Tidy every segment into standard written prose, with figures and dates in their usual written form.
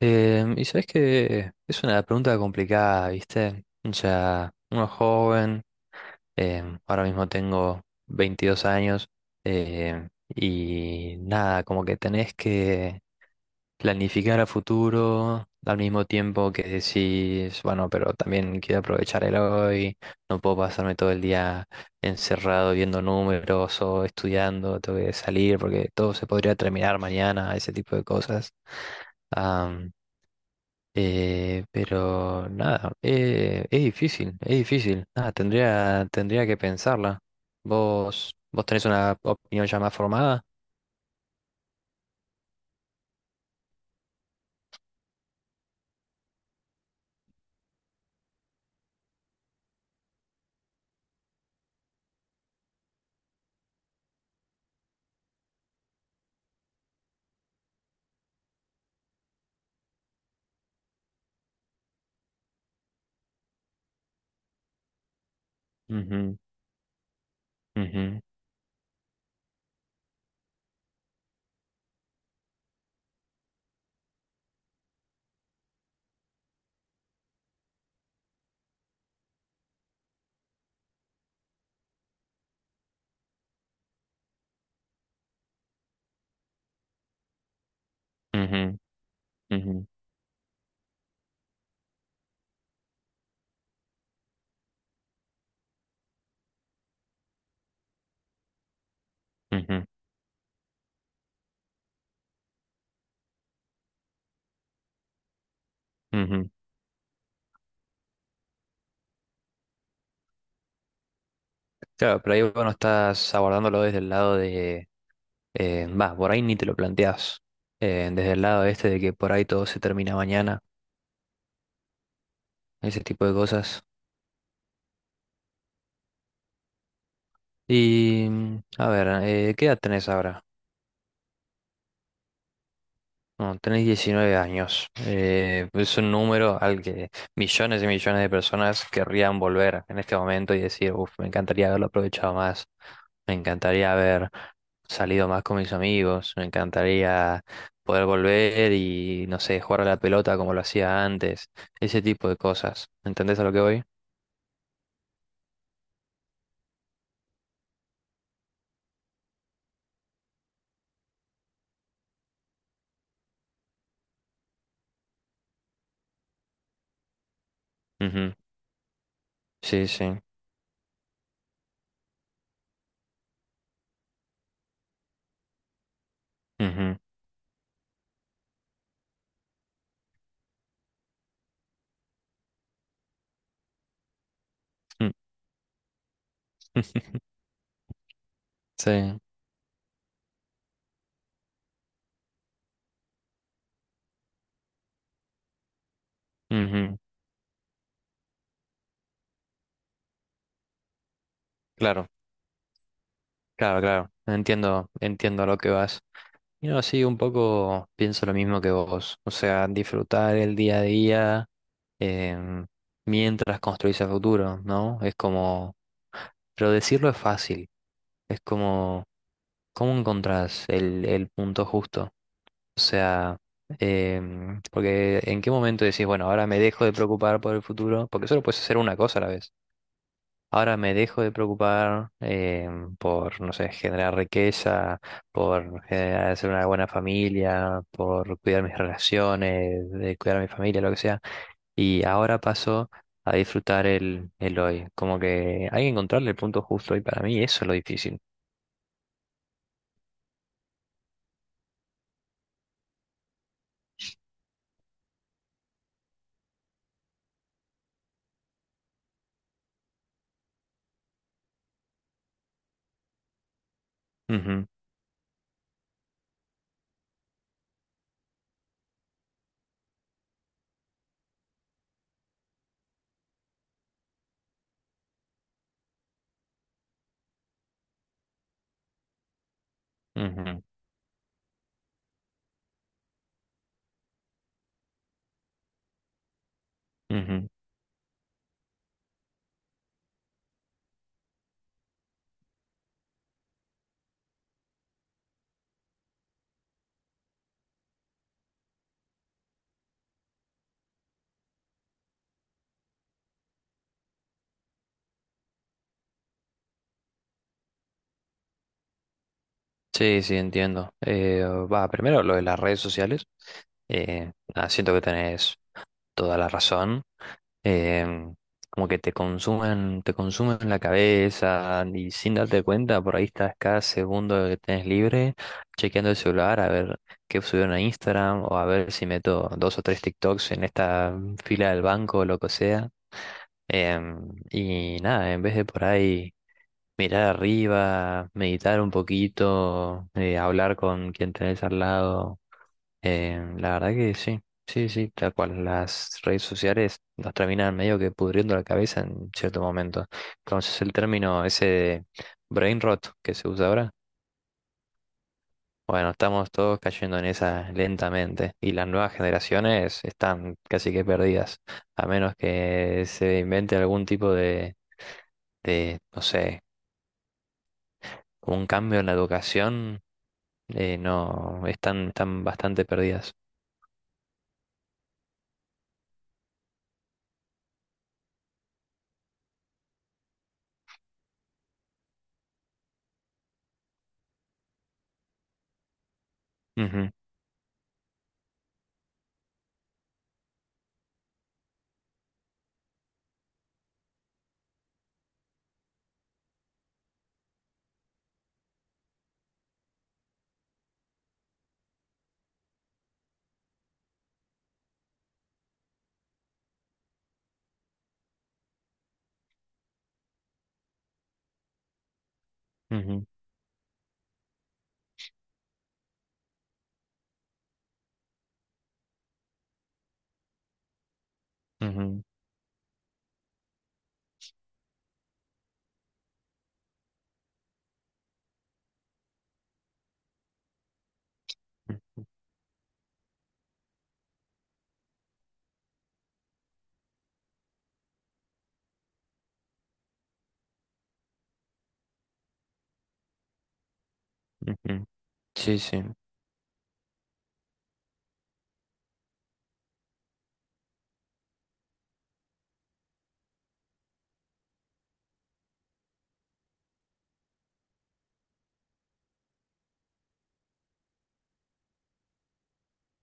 Y sabes que es una pregunta complicada, ¿viste? O sea, uno joven, ahora mismo tengo 22 años, em, y nada, como que tenés que planificar a futuro al mismo tiempo que decís, bueno, pero también quiero aprovechar el hoy, no puedo pasarme todo el día encerrado viendo números o estudiando, tengo que salir porque todo se podría terminar mañana, ese tipo de cosas. Pero nada, es difícil, es difícil. Nada, tendría que pensarla. ¿Vos tenés una opinión ya más formada? Ujú, ujú, ujú, ujú, ujú, ujú. Claro, pero ahí vos no estás abordándolo desde el lado de, va, por ahí ni te lo planteás, desde el lado este de que por ahí todo se termina mañana, ese tipo de cosas. Y, a ver, ¿qué edad tenés ahora? No, tenés 19 años. Es un número al que millones y millones de personas querrían volver en este momento y decir, uff, me encantaría haberlo aprovechado más, me encantaría haber salido más con mis amigos, me encantaría poder volver y, no sé, jugar a la pelota como lo hacía antes, ese tipo de cosas. ¿Entendés a lo que voy? Ujú, sí, sí, ujú, mm, sí, ujú. Claro, claro, claro. Entiendo, entiendo a lo que vas. No, sí, un poco pienso lo mismo que vos. O sea, disfrutar el día a día em, mientras construís el futuro, ¿no? Es como, pero decirlo es fácil. Es como, ¿cómo encontrás el punto justo? O sea, porque en qué momento decís, bueno, ahora me dejo de preocupar por el futuro, porque solo puedes hacer una cosa a la vez. Ahora me dejo de preocupar por, no sé, generar riqueza, por generar, hacer una buena familia, por cuidar mis relaciones, de cuidar a mi familia, lo que sea. Y ahora paso a disfrutar el hoy. Como que hay que encontrarle el punto justo y para mí eso es lo difícil. Ujú, ujú, ujú. Sí, sí, entiendo. Va, primero lo de las redes sociales. Nada, siento que tenés toda la razón. em, Como que te consumen la cabeza y sin darte cuenta, por ahí estás cada segundo que tenés libre chequeando el celular a ver qué subieron a Instagram o a ver si meto dos o tres TikToks en esta fila del banco o lo que sea. Y nada, en vez de por ahí mirar arriba, meditar un poquito, hablar con quien tenés al lado. La verdad que sí, sí, sí, tal cual. Las redes sociales nos terminan medio que pudriendo la cabeza en cierto momento. Entonces el término ese de brain rot que se usa ahora, bueno, estamos todos cayendo en esa lentamente y las nuevas generaciones están casi que perdidas, a menos que se invente algún tipo de, no sé, un cambio en la educación, no, están bastante perdidas. Ujú, ujú, ujú, ujú, ujú. Sí, sí,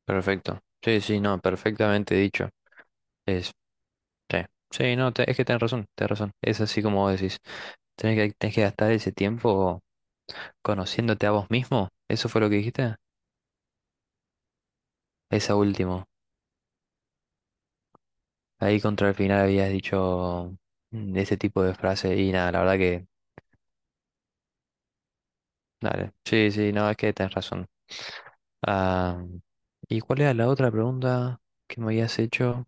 perfecto. Sí, sí, no, perfectamente dicho. Es, sí, sí, no, es que tenés razón, tenés razón. Es así como vos decís. Tenés que gastar ese tiempo conociéndote a vos mismo. ¿Eso fue lo que dijiste? Esa último. Ahí contra el final habías dicho ese tipo de frase y nada, la verdad que, dale. Sí, sí, no, es que tenés razón. Ah, ¿y cuál era la otra pregunta que me habías hecho?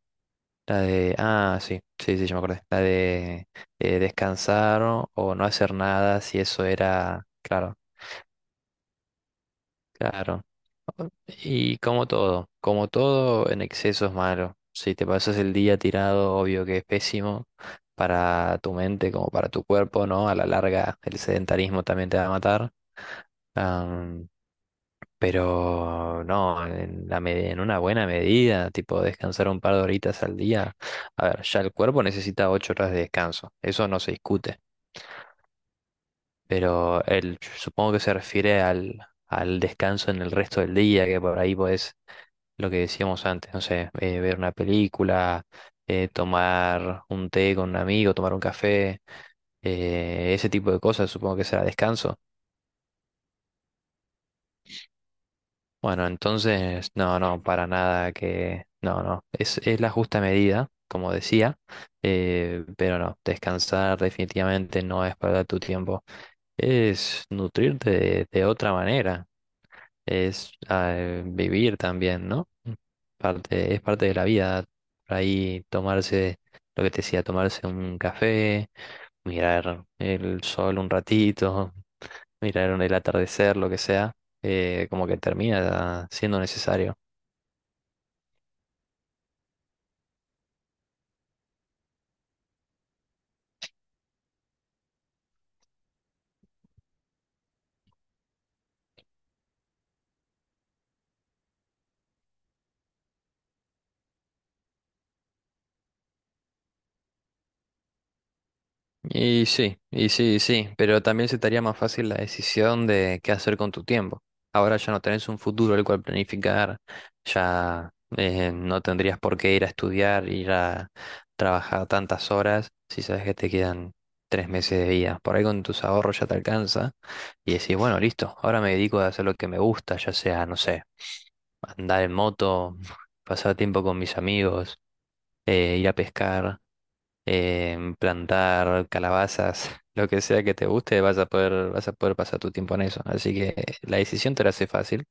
La de... Ah, sí, sí, sí, yo me acordé. La de descansar o no hacer nada, si eso era... Claro, claro. Y como todo en exceso es malo. Si te pasas el día tirado, obvio que es pésimo para tu mente como para tu cuerpo, ¿no? A la larga el sedentarismo también te va a matar. Pero no, en una buena medida, tipo descansar un par de horitas al día. A ver, ya el cuerpo necesita 8 horas de descanso, eso no se discute. Pero supongo que se refiere al descanso en el resto del día, que por ahí pues lo que decíamos antes, no sé, ver una película, tomar un té con un amigo, tomar un café, ese tipo de cosas, supongo que será descanso. Bueno, entonces, no, no, para nada que, no, no, es la justa medida, como decía, pero no, descansar definitivamente no es perder tu tiempo, es nutrirte de otra manera, es vivir también, ¿no? Es parte de la vida. Por ahí tomarse, lo que te decía, tomarse un café, mirar el sol un ratito, mirar el atardecer, lo que sea, como que termina siendo necesario. Y sí, y sí, y sí, pero también se te haría más fácil la decisión de qué hacer con tu tiempo. Ahora ya no tenés un futuro el cual planificar, ya no tendrías por qué ir a estudiar, ir a trabajar tantas horas si sabes que te quedan 3 meses de vida. Por ahí con tus ahorros ya te alcanza y decís, bueno, listo, ahora me dedico a hacer lo que me gusta, ya sea, no sé, andar en moto, pasar tiempo con mis amigos, ir a pescar plantar calabazas, lo que sea que te guste, vas a poder pasar tu tiempo en eso. Así que la decisión te la hace fácil,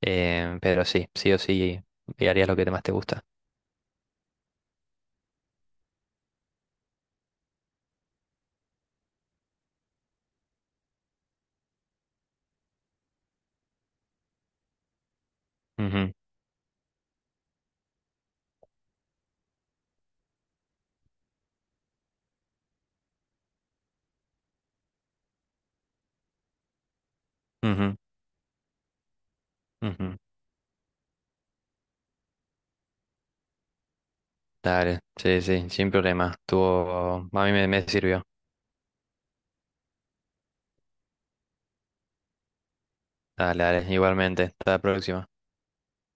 pero sí, sí o sí, y harías lo que más te gusta. Ujú, ujú, ujú. Dale, sí, sí, sin problema. A mí me sirvió. Dale, dale, igualmente. Hasta la próxima.